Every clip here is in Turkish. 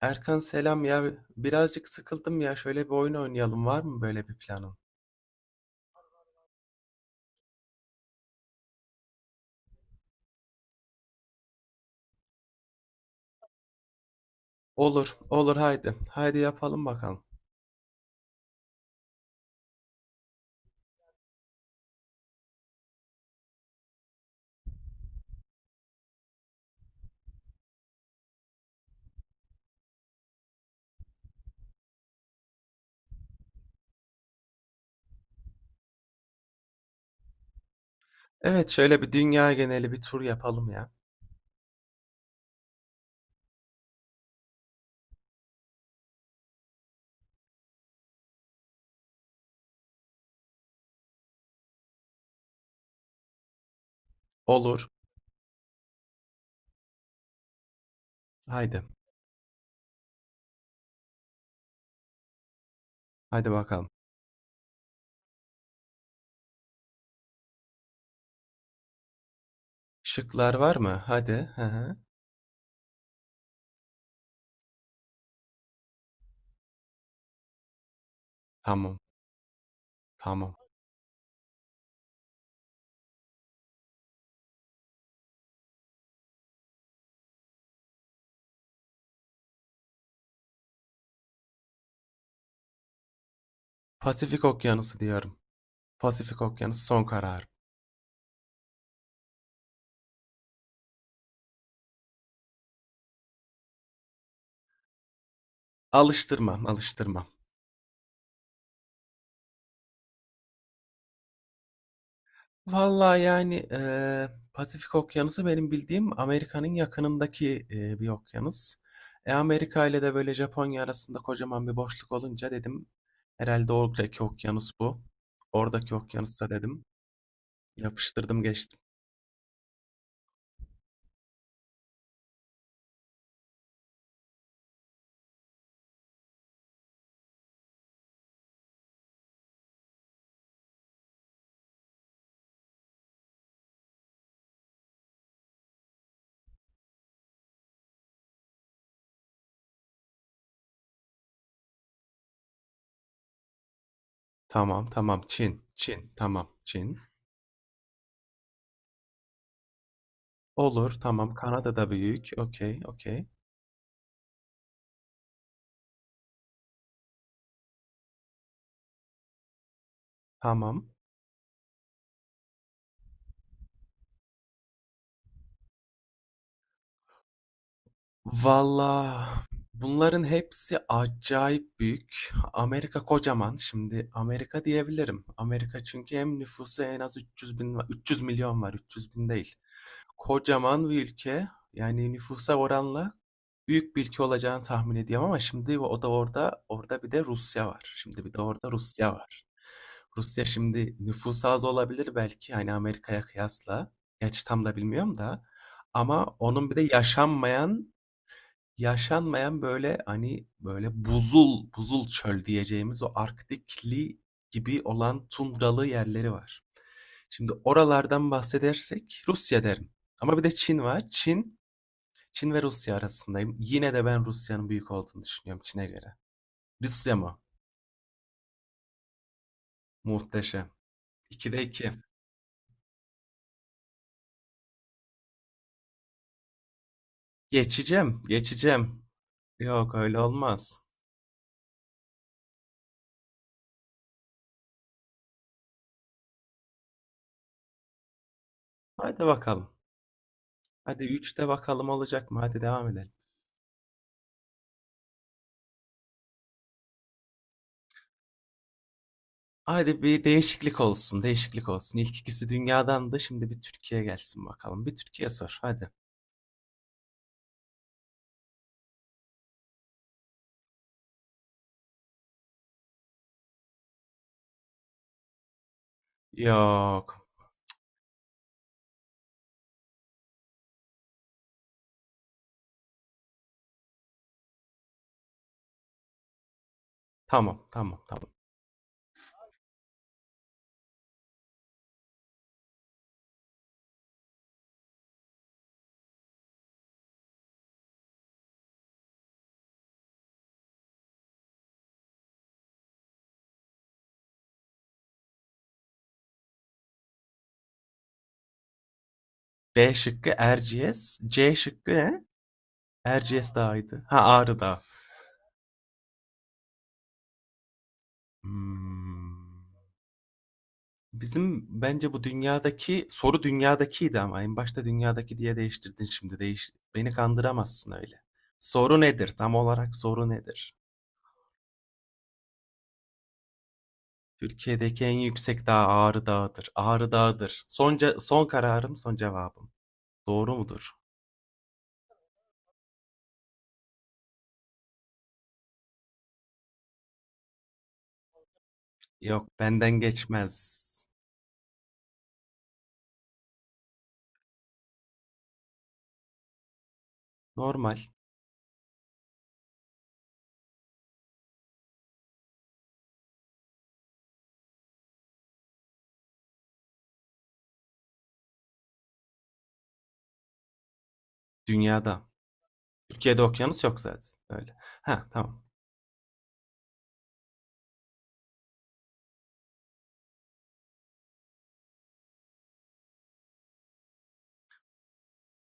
Erkan selam ya. Birazcık sıkıldım ya. Şöyle bir oyun oynayalım. Var mı böyle bir planın? Olur, olur, haydi. Haydi, yapalım bakalım. Evet, şöyle bir dünya geneli bir tur yapalım ya. Olur. Haydi. Haydi bakalım. Şıklar var mı? Hadi. Hı hı. Tamam, tamam. Pasifik Okyanusu diyorum. Pasifik Okyanusu son kararım. Alıştırmam, alıştırmam. Vallahi, yani, Pasifik Okyanusu benim bildiğim Amerika'nın yakınındaki, bir okyanus. Amerika ile de, böyle, Japonya arasında kocaman bir boşluk olunca dedim, herhalde oradaki okyanus bu. Oradaki okyanusta dedim, yapıştırdım geçtim. Tamam, tamam, Çin, Çin, tamam, Çin. Olur, tamam, Kanada da büyük, okay, okay, tamam. Valla bunların hepsi acayip büyük. Amerika kocaman. Şimdi Amerika diyebilirim. Amerika çünkü hem nüfusu en az 300 bin, va- 300 milyon var. 300 bin değil. Kocaman bir ülke. Yani nüfusa oranla büyük bir ülke olacağını tahmin ediyorum ama şimdi o da orada bir de Rusya var. Şimdi bir de orada Rusya var. Rusya şimdi nüfusu az olabilir belki hani Amerika'ya kıyasla. Gerçi tam da bilmiyorum da. Ama onun bir de yaşanmayan yaşanmayan, böyle, hani, böyle, buzul buzul çöl diyeceğimiz o Arktikli gibi olan tundralı yerleri var. Şimdi oralardan bahsedersek Rusya derim ama bir de Çin var. Çin, Çin ve Rusya arasındayım. Yine de ben Rusya'nın büyük olduğunu düşünüyorum Çin'e göre. Rusya mı? Muhteşem. 2'de 2. Geçeceğim, geçeceğim. Yok, öyle olmaz. Haydi bakalım. Hadi üçte bakalım olacak mı? Hadi devam edelim. Hadi bir değişiklik olsun, değişiklik olsun. İlk ikisi dünyadan da şimdi bir Türkiye gelsin bakalım. Bir Türkiye sor, hadi. Yok. Tamam, tamam, tamam. B şıkkı Erciyes, C şıkkı ne? Erciyes Dağı'ydı. Ha, Ağrı Dağı. Hmm. Bizim bence bu dünyadaki soru dünyadakiydi ama en başta dünyadaki diye değiştirdin şimdi. Değiş, beni kandıramazsın öyle. Soru nedir? Tam olarak soru nedir? Türkiye'deki en yüksek dağ Ağrı Dağı'dır. Ağrı Dağı'dır. Son, ce- son kararım, son cevabım. Doğru mudur? Yok, benden geçmez. Normal. Dünyada. Türkiye'de okyanus yok zaten. Öyle. Ha, tamam.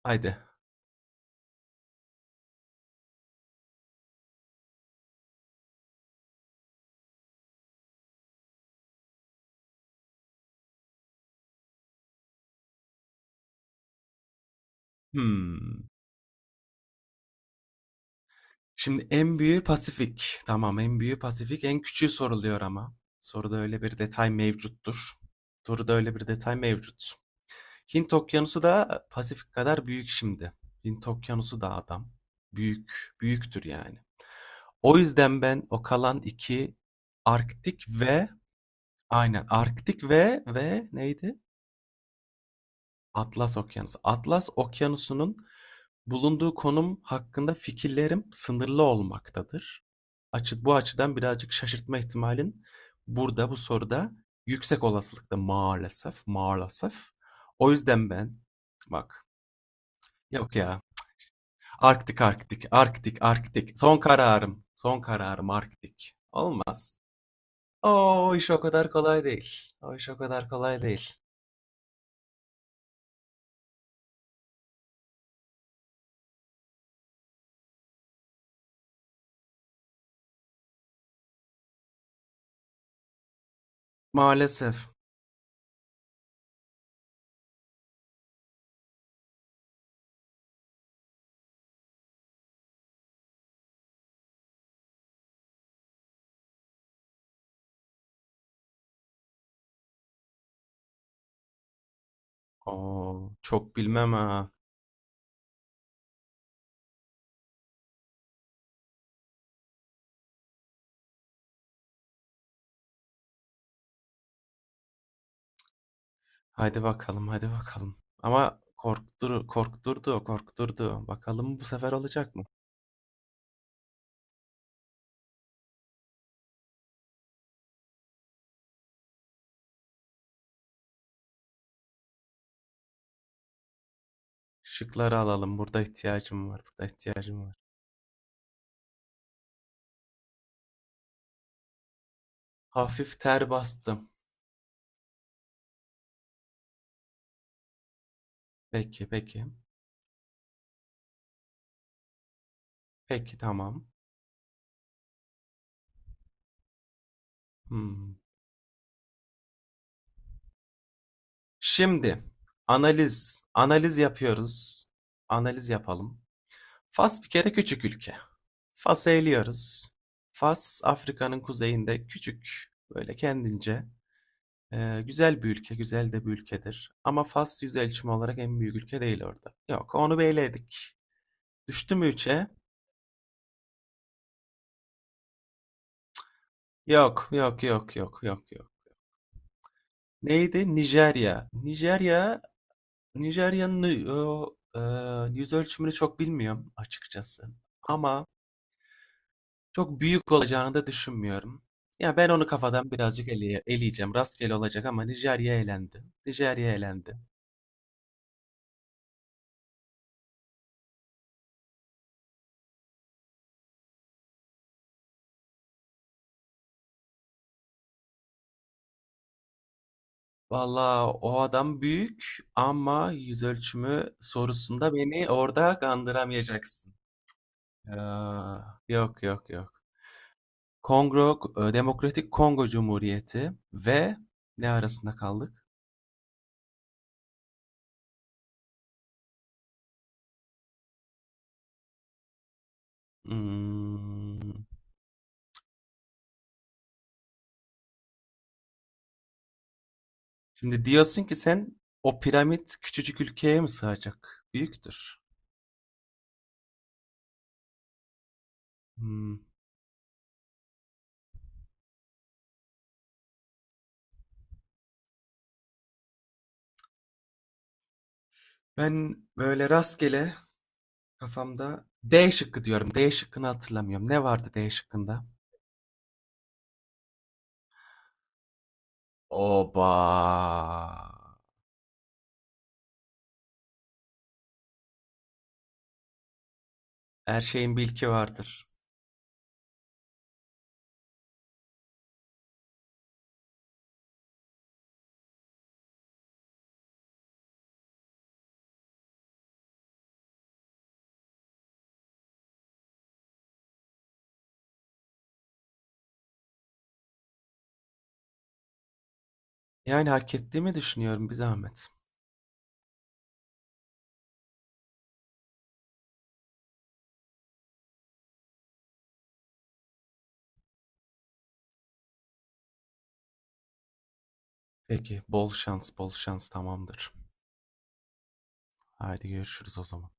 Haydi. Hmm. Şimdi en büyüğü Pasifik. Tamam, en büyüğü Pasifik. En küçüğü soruluyor ama. Soruda öyle bir detay mevcuttur. Soruda öyle bir detay mevcut. Hint Okyanusu da Pasifik kadar büyük şimdi. Hint Okyanusu da adam. Büyük, büyüktür yani. O yüzden ben o kalan iki, Arktik ve aynen Arktik ve neydi? Atlas Okyanusu. Atlas Okyanusu'nun bulunduğu konum hakkında fikirlerim sınırlı olmaktadır. Açı, bu açıdan birazcık şaşırtma ihtimalin burada bu soruda yüksek olasılıkta maalesef, maalesef. O yüzden ben, bak, yok ya, Arktik, Arktik, Arktik, Arktik son kararım, son kararım Arktik. Olmaz. O iş o kadar kolay değil. O iş o kadar kolay değil. Maalesef. Oo, çok bilmem ha. Hadi bakalım, hadi bakalım. Ama korktur, korkturdu, korkturdu. Bakalım bu sefer olacak mı? Şıkları alalım. Burada ihtiyacım var, burada ihtiyacım var. Hafif ter bastım. Peki, peki. Peki, tamam. Hmm. Şimdi analiz, analiz yapıyoruz. Analiz yapalım. Fas bir kere küçük ülke. Fas'ı eliyoruz. Fas Afrika'nın kuzeyinde küçük, böyle kendince güzel bir ülke, güzel de bir ülkedir. Ama Fas yüz ölçümü olarak en büyük ülke değil orada. Yok, onu bir eledik. Düştü mü üçe? Yok, yok, yok, yok, yok, yok. Neydi? Nijerya. Nijerya, Nijerya'nın yüz ölçümünü çok bilmiyorum açıkçası. Ama çok büyük olacağını da düşünmüyorum. Ya ben onu kafadan birazcık eleye- eleyeceğim. Rastgele olacak ama Nijerya elendi. Nijerya elendi. Valla o adam büyük ama yüz ölçümü sorusunda beni orada kandıramayacaksın. Ya, yok, yok, yok. Kongo, Demokratik Kongo Cumhuriyeti ve ne arasında kaldık? Hmm. Şimdi diyorsun ki sen o piramit küçücük ülkeye mi sığacak? Büyüktür. Hmm. Ben böyle rastgele kafamda D şıkkı diyorum. D şıkkını hatırlamıyorum. Ne vardı D şıkkında? Oba. Her şeyin bilki vardır. Yani hak ettiğimi düşünüyorum bir zahmet. Peki, bol şans, bol şans, tamamdır. Haydi görüşürüz o zaman.